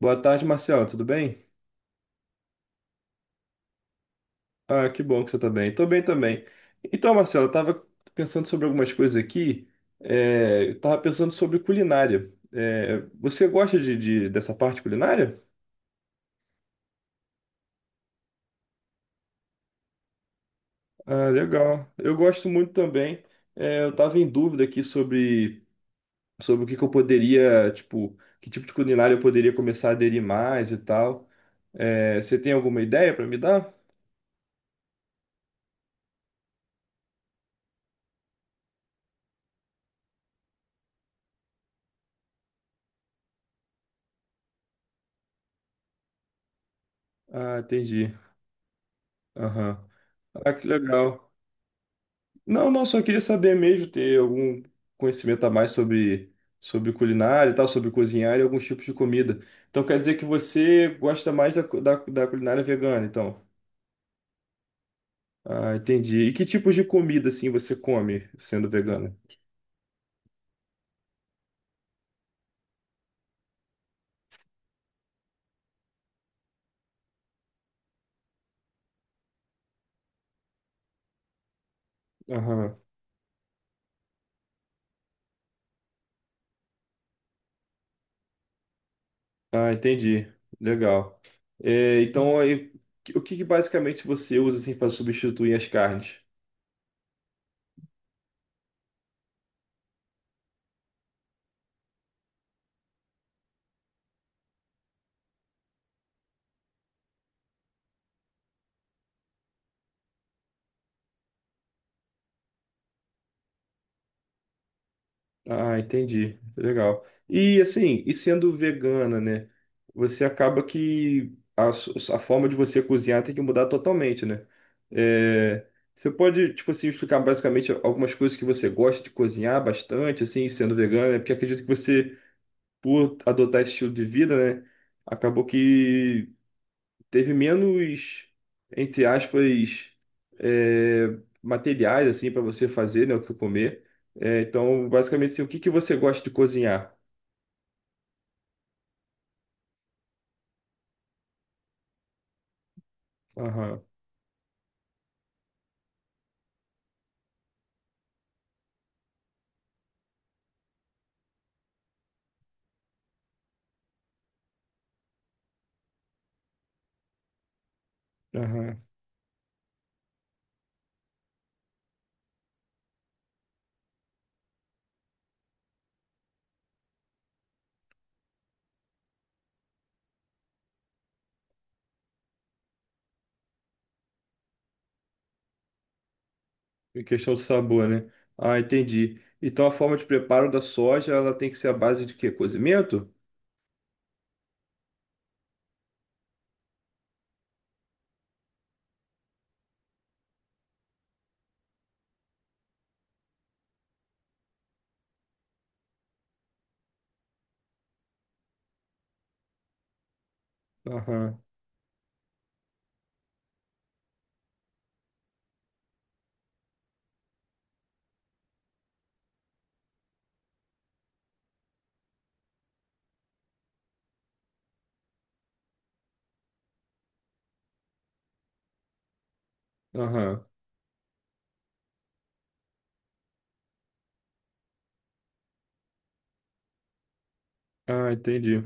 Boa tarde, Marcelo. Tudo bem? Ah, que bom que você tá bem. Tô bem também. Então, Marcelo, eu tava pensando sobre algumas coisas aqui. Eu tava pensando sobre culinária. Você gosta dessa parte culinária? Ah, legal. Eu gosto muito também. Eu tava em dúvida aqui sobre o que que eu poderia, tipo, que tipo de culinária eu poderia começar a aderir mais e tal. Você tem alguma ideia para me dar? Ah, entendi. Aham. Ah, que legal. Não, não, só queria saber mesmo, ter algum conhecimento a mais sobre culinária e tal, sobre cozinhar e alguns tipos de comida. Então quer dizer que você gosta mais da culinária vegana, então. Ah, entendi. E que tipos de comida, assim, você come sendo vegana? Aham. Ah, entendi. Legal. Então, aí, o que que basicamente você usa, assim, para substituir as carnes? Ah, entendi. Legal. E assim, e sendo vegana, né? Você acaba que a forma de você cozinhar tem que mudar totalmente, né? É, você pode, tipo assim, explicar basicamente algumas coisas que você gosta de cozinhar bastante, assim, sendo vegana, né? Porque acredito que você, por adotar esse estilo de vida, né? Acabou que teve menos, entre aspas, é, materiais assim para você fazer, né, o que comer. Então, basicamente, assim, o que que você gosta de cozinhar? Aham, aham. Em questão do sabor, né? Ah, entendi. Então, a forma de preparo da soja, ela tem que ser a base de quê? Cozimento? Aham, aham. Ah, entendi.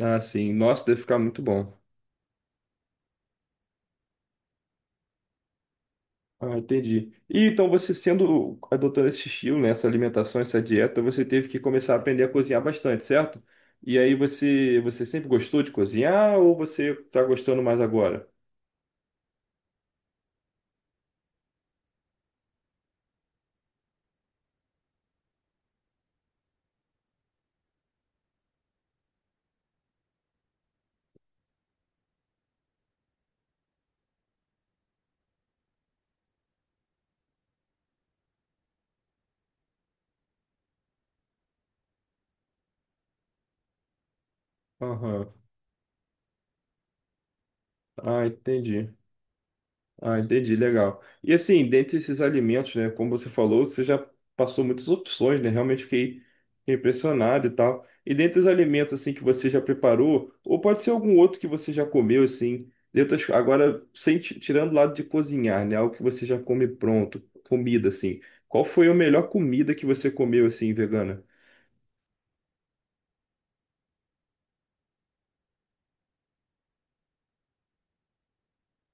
Ah, sim. Nossa, deve ficar muito bom. Ah, entendi. E então você sendo adotando esse estilo, né, essa alimentação, essa dieta, você teve que começar a aprender a cozinhar bastante, certo? E aí você sempre gostou de cozinhar ou você tá gostando mais agora? Aham. Ah, entendi. Ah, entendi, legal. E assim, dentre esses alimentos, né, como você falou, você já passou muitas opções, né? Realmente fiquei impressionado e tal. E dentre os alimentos assim que você já preparou, ou pode ser algum outro que você já comeu assim, agora sem tirando o lado de cozinhar, né, algo que você já come pronto, comida assim. Qual foi a melhor comida que você comeu assim vegana?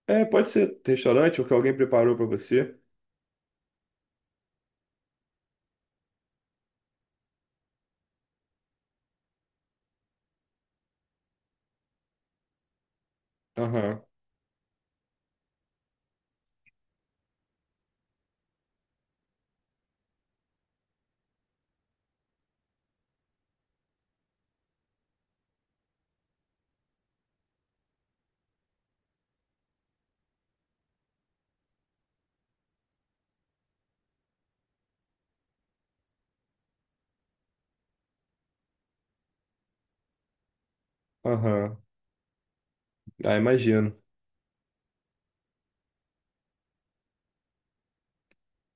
Pode ser restaurante ou que alguém preparou para você. Aham, aham. Ah, imagino.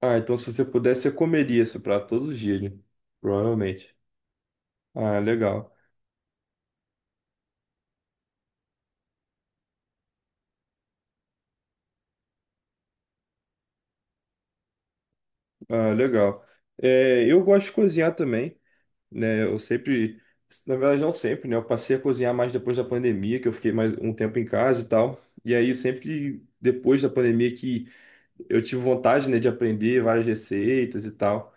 Ah, então se você pudesse, você comeria esse prato todos os dias, né? Provavelmente. Ah, legal. Ah, legal. Eu gosto de cozinhar também, né? Eu sempre, na verdade não sempre, né? Eu passei a cozinhar mais depois da pandemia, que eu fiquei mais um tempo em casa e tal. E aí sempre depois da pandemia que eu tive vontade, né, de aprender várias receitas e tal.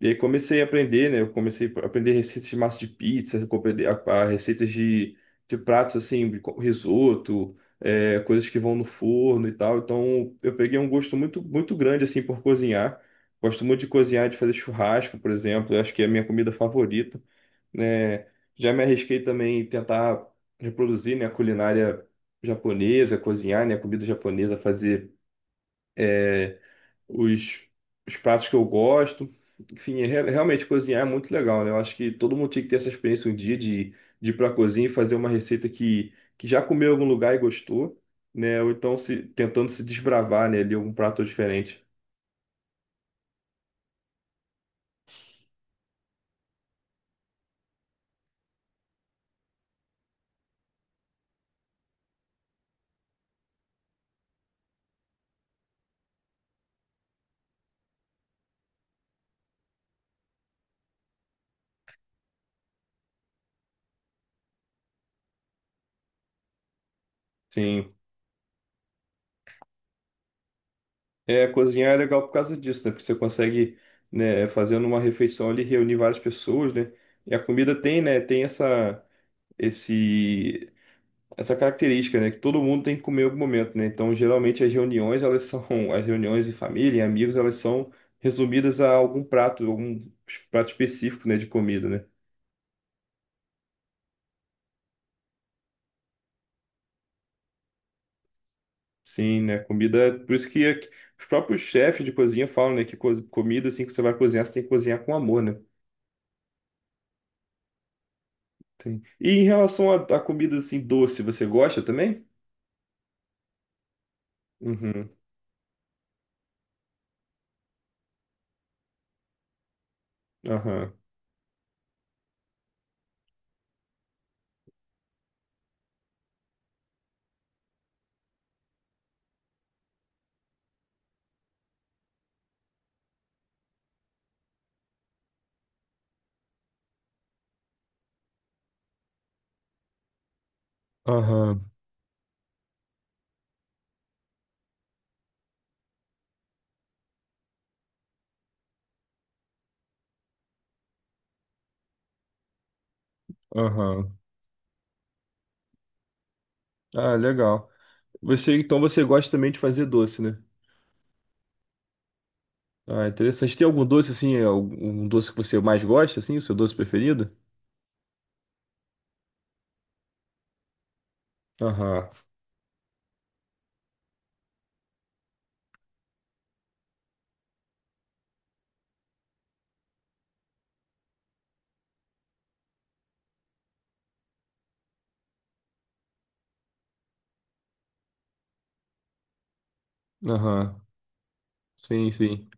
E aí comecei a aprender, né? Eu comecei a aprender receitas de massa de pizza, a receitas de pratos assim, de risoto, coisas que vão no forno e tal. Então eu peguei um gosto muito, muito grande assim por cozinhar. Gosto muito de cozinhar, de fazer churrasco, por exemplo. Eu acho que é a minha comida favorita, né? Já me arrisquei também em tentar reproduzir, né, a culinária japonesa, cozinhar, né, a comida japonesa, fazer eh, os, os pratos que eu gosto. Enfim, é, realmente cozinhar é muito legal, né? Eu acho que todo mundo tinha que ter essa experiência um dia de ir para a cozinha e fazer uma receita que já comeu em algum lugar e gostou, né? Ou então se, tentando se desbravar, né, ali algum prato diferente. Sim. É, cozinhar é legal por causa disso, né? Porque você consegue, né, fazendo uma refeição ali, reunir várias pessoas, né? E a comida tem, né, tem essa esse essa característica, né, que todo mundo tem que comer em algum momento, né? Então, geralmente as reuniões, elas são as reuniões de família, e amigos, elas são resumidas a algum prato específico, né, de comida, né? Sim, né? Comida, por isso que aqui- os próprios chefes de cozinha falam, né, que comida assim que você vai cozinhar, você tem que cozinhar com amor, né? Sim. E em relação à à comida assim doce, você gosta também? Uhum. Aham. Aham. Aham. Ah, legal. Você, então você gosta também de fazer doce, né? Ah, interessante. Tem algum doce assim, algum doce que você mais gosta, assim, o seu doce preferido? Aham, aham. Sim, sim.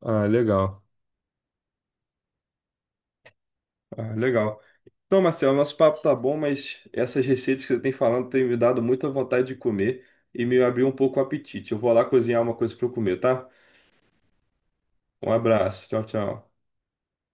Ah, legal. Ah, legal. Então, Marcelo, nosso papo tá bom, mas essas receitas que você tem falando têm me dado muita vontade de comer e me abriu um pouco o apetite. Eu vou lá cozinhar uma coisa para eu comer, tá? Um abraço. Tchau, tchau.